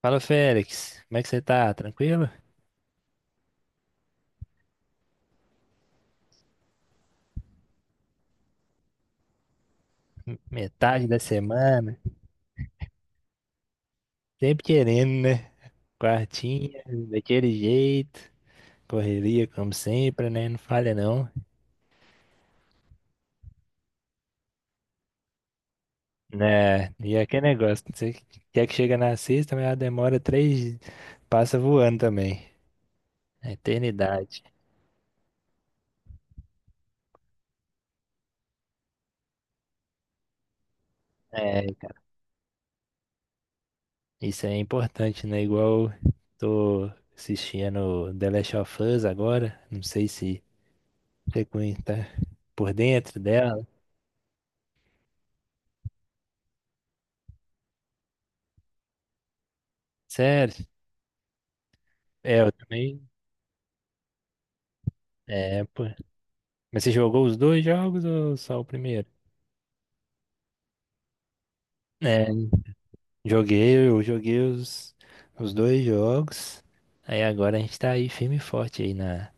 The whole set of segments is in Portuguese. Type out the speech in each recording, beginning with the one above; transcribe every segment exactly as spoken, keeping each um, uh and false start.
Fala, Félix. Como é que você tá? Tranquilo? Metade da semana, sempre querendo, né? Quartinha, daquele jeito, correria como sempre, né? Não falha não. Né? E é aquele negócio, você quer que chega na sexta, mas ela demora três, dias, passa voando também. A eternidade. É, isso é importante, né? Igual tô assistindo The Last of Us agora, não sei se você conhe- tá por dentro dela. Sério, é, eu também. É, pô. Mas você jogou os dois jogos ou só o primeiro? É, joguei, eu joguei os, os dois jogos. Aí agora a gente tá aí firme e forte aí na,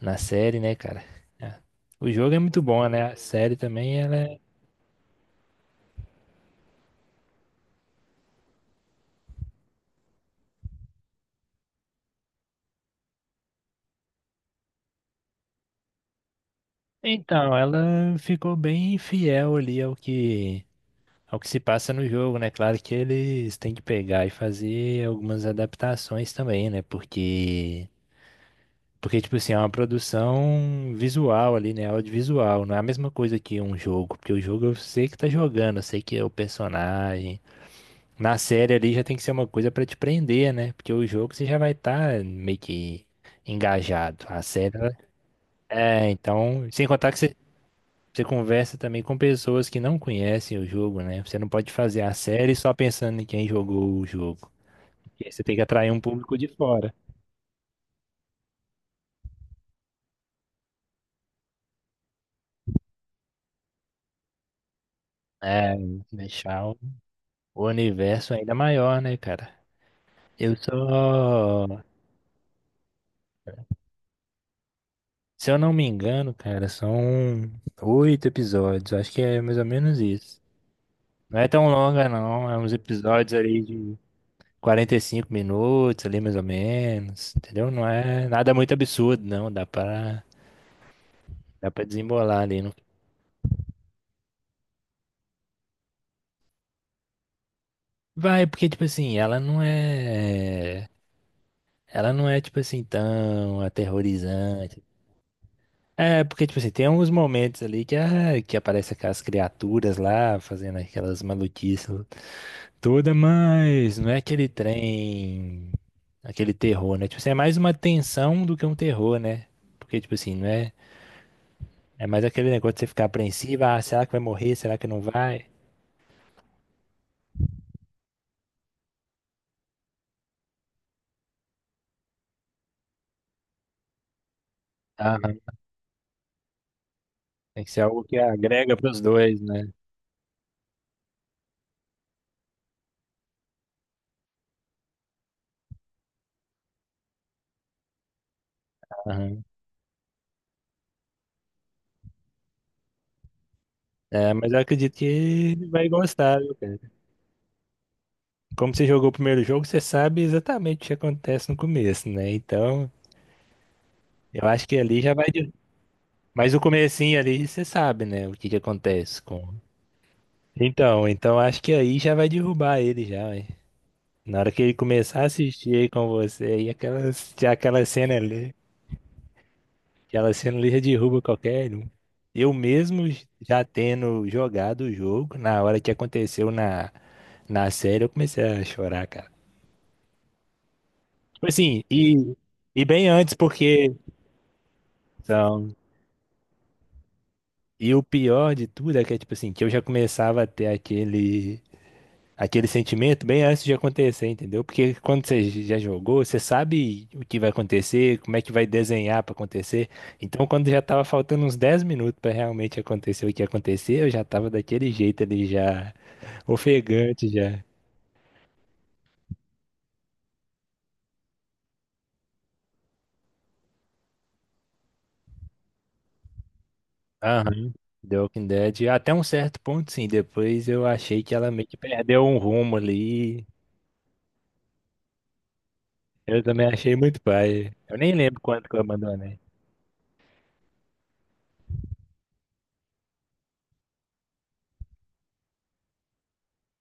na série, né, cara? É. O jogo é muito bom, né? A série também, ela é... Então, ela ficou bem fiel ali ao que, ao que se passa no jogo, né? Claro que eles têm que pegar e fazer algumas adaptações também, né? Porque Porque, tipo assim, é uma produção visual ali, né? Audiovisual. Não é a mesma coisa que um jogo. Porque o jogo eu sei que tá jogando, eu sei que é o personagem. Na série ali já tem que ser uma coisa pra te prender, né? Porque o jogo você já vai estar meio que engajado. A série, ela- é, então. Sem contar que você, você conversa também com pessoas que não conhecem o jogo, né? Você não pode fazer a série só pensando em quem jogou o jogo. Porque aí você tem que atrair um público de fora. É, deixar o o universo ainda maior, né, cara? Eu só. Se eu não me engano, cara, são oito episódios. Acho que é mais ou menos isso. Não é tão longa, não. É uns episódios ali de quarenta e cinco minutos, ali mais ou menos. Entendeu? Não é nada muito absurdo, não. Dá pra, dá pra desembolar ali. Não... Vai, porque, tipo assim, ela não é. Ela não é, tipo assim, tão aterrorizante. É, porque, tipo assim, tem uns momentos ali que, ah, que aparece aquelas criaturas lá fazendo aquelas maluquices toda, mas não é aquele trem, aquele terror, né? Tipo assim, é mais uma tensão do que um terror, né? Porque, tipo assim, não é. É mais aquele negócio de você ficar apreensivo, ah, será que vai morrer? Será que não vai? Aham. Tem que ser algo que agrega pros dois, né? Aham. É, mas eu acredito que ele vai gostar, viu, cara? Como você jogou o primeiro jogo, você sabe exatamente o que acontece no começo, né? Então, eu acho que ali já vai. de- Mas o comecinho ali, você sabe, né? O que que acontece com Então, então acho que aí já vai derrubar ele já, hein? Na hora que ele começar a assistir aí com você, aí aquela já aquela cena ali, aquela cena ali já derruba qualquer um. Eu mesmo já tendo jogado o jogo, na hora que aconteceu na, na série, eu comecei a chorar, cara. Tipo assim, e, e bem antes, porque. Então, e o pior de tudo é que, é, tipo assim, que eu já começava a ter aquele. aquele sentimento bem antes de acontecer, entendeu? Porque quando você já jogou, você sabe o que vai acontecer, como é que vai desenhar para acontecer. Então, quando já tava faltando uns dez minutos para realmente acontecer o que aconteceu, eu já tava daquele jeito ali, já ofegante, já. Aham. The Walking Dead, até um certo ponto, sim. Depois eu achei que ela meio que perdeu um rumo ali. Eu também achei muito pai. Eu nem lembro quanto que eu abandonei.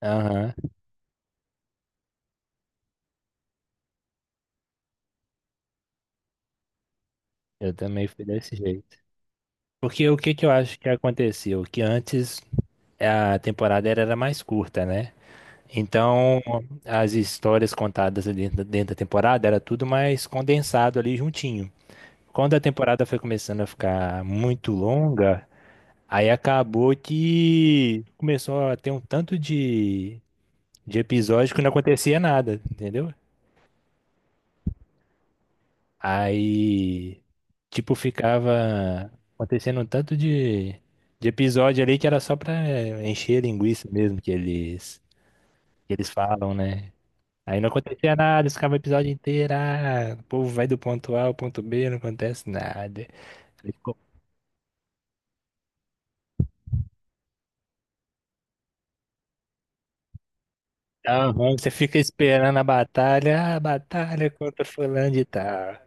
Aham, eu também fui desse jeito. Porque o que que eu acho que aconteceu? Que antes a temporada era, era mais curta, né? Então as histórias contadas ali dentro, dentro da temporada era tudo mais condensado ali juntinho. Quando a temporada foi começando a ficar muito longa, aí acabou que começou a ter um tanto de, de episódio que não acontecia nada, entendeu? Aí, tipo, ficava acontecendo um tanto de, de episódio ali que era só pra encher linguiça mesmo que eles, que eles falam, né? Aí não acontecia nada, eles ficavam o episódio inteiro, ah, o povo vai do ponto A ao ponto B, não acontece nada. Aí ficou tão ruim, você fica esperando a batalha, ah, batalha contra fulano de tal.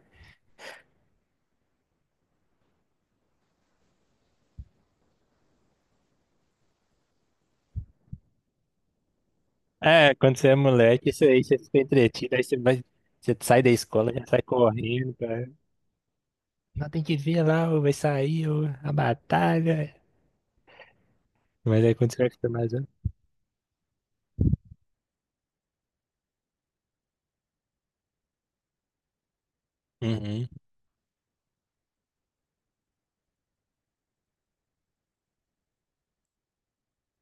É, quando você é moleque, isso aí, você fica entretido, aí você vai, você sai da escola, já sai correndo, não tem que ver lá, ou vai sair ou a batalha. Mas aí quando você vai ficar mais velho. Uhum.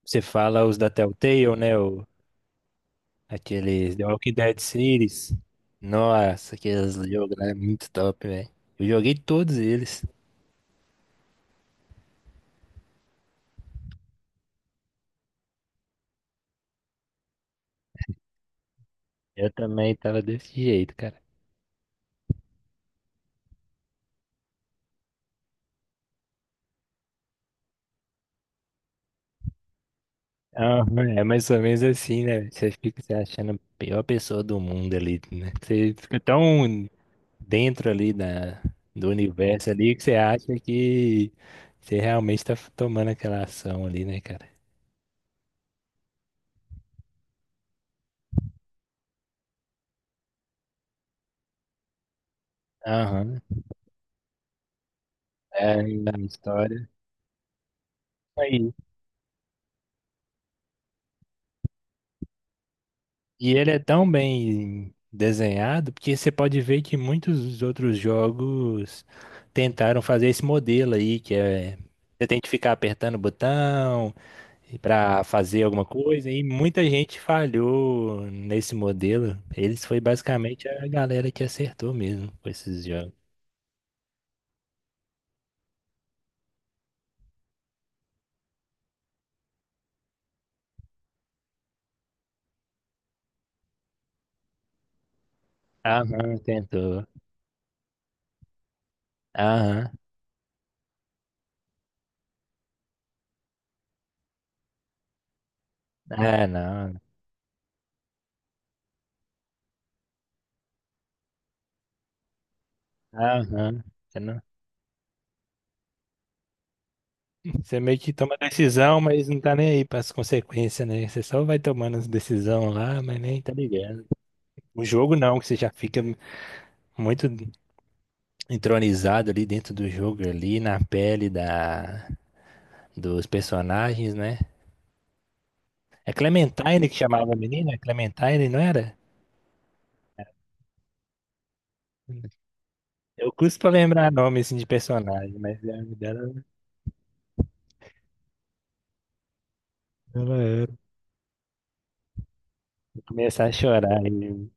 Você fala os da Telltale, né? O, aqueles The Walking Dead series. Nossa, aqueles jogos lá é muito top, velho. Eu joguei todos eles. Eu também tava desse jeito, cara. Aham, é mais ou menos assim, né? Você fica se achando a pior pessoa do mundo ali, né? Você fica tão dentro ali da, do universo ali que você acha que você realmente tá tomando aquela ação ali, né, cara? Aham. É a história. Aí. E ele é tão bem desenhado porque você pode ver que muitos outros jogos tentaram fazer esse modelo aí, que é você tem que ficar apertando o botão para fazer alguma coisa, e muita gente falhou nesse modelo. Eles foi basicamente a galera que acertou mesmo com esses jogos. Aham, tentou. Aham, é, não. Aham, você não. Você meio que toma decisão, mas não tá nem aí para as consequências, né? Você só vai tomando as decisões lá, mas nem tá ligando. O jogo não, que você já fica muito entronizado ali dentro do jogo, ali na pele da, dos personagens, né? É Clementine que chamava a menina? Clementine, não era? Eu custo pra lembrar nome assim de personagem, mas é, ela, ela era. Vou começar a chorar aí.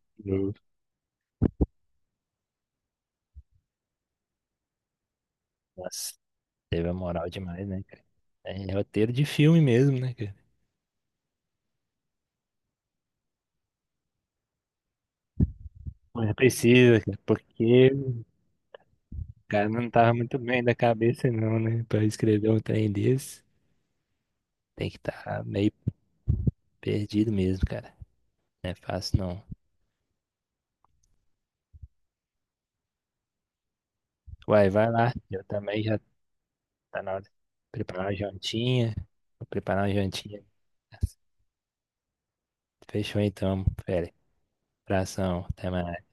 Nossa, teve a moral demais, né, cara? É roteiro de filme mesmo, né, cara? Mas precisa, cara, porque o cara não tava muito bem da cabeça, não, né? Pra escrever um trem desse, tem que estar meio perdido mesmo, cara. Não é fácil, não. Uai, vai lá. Eu também já tá na hora de preparar uma jantinha. Vou preparar uma jantinha. Fechou então, fera. Abração, até mais.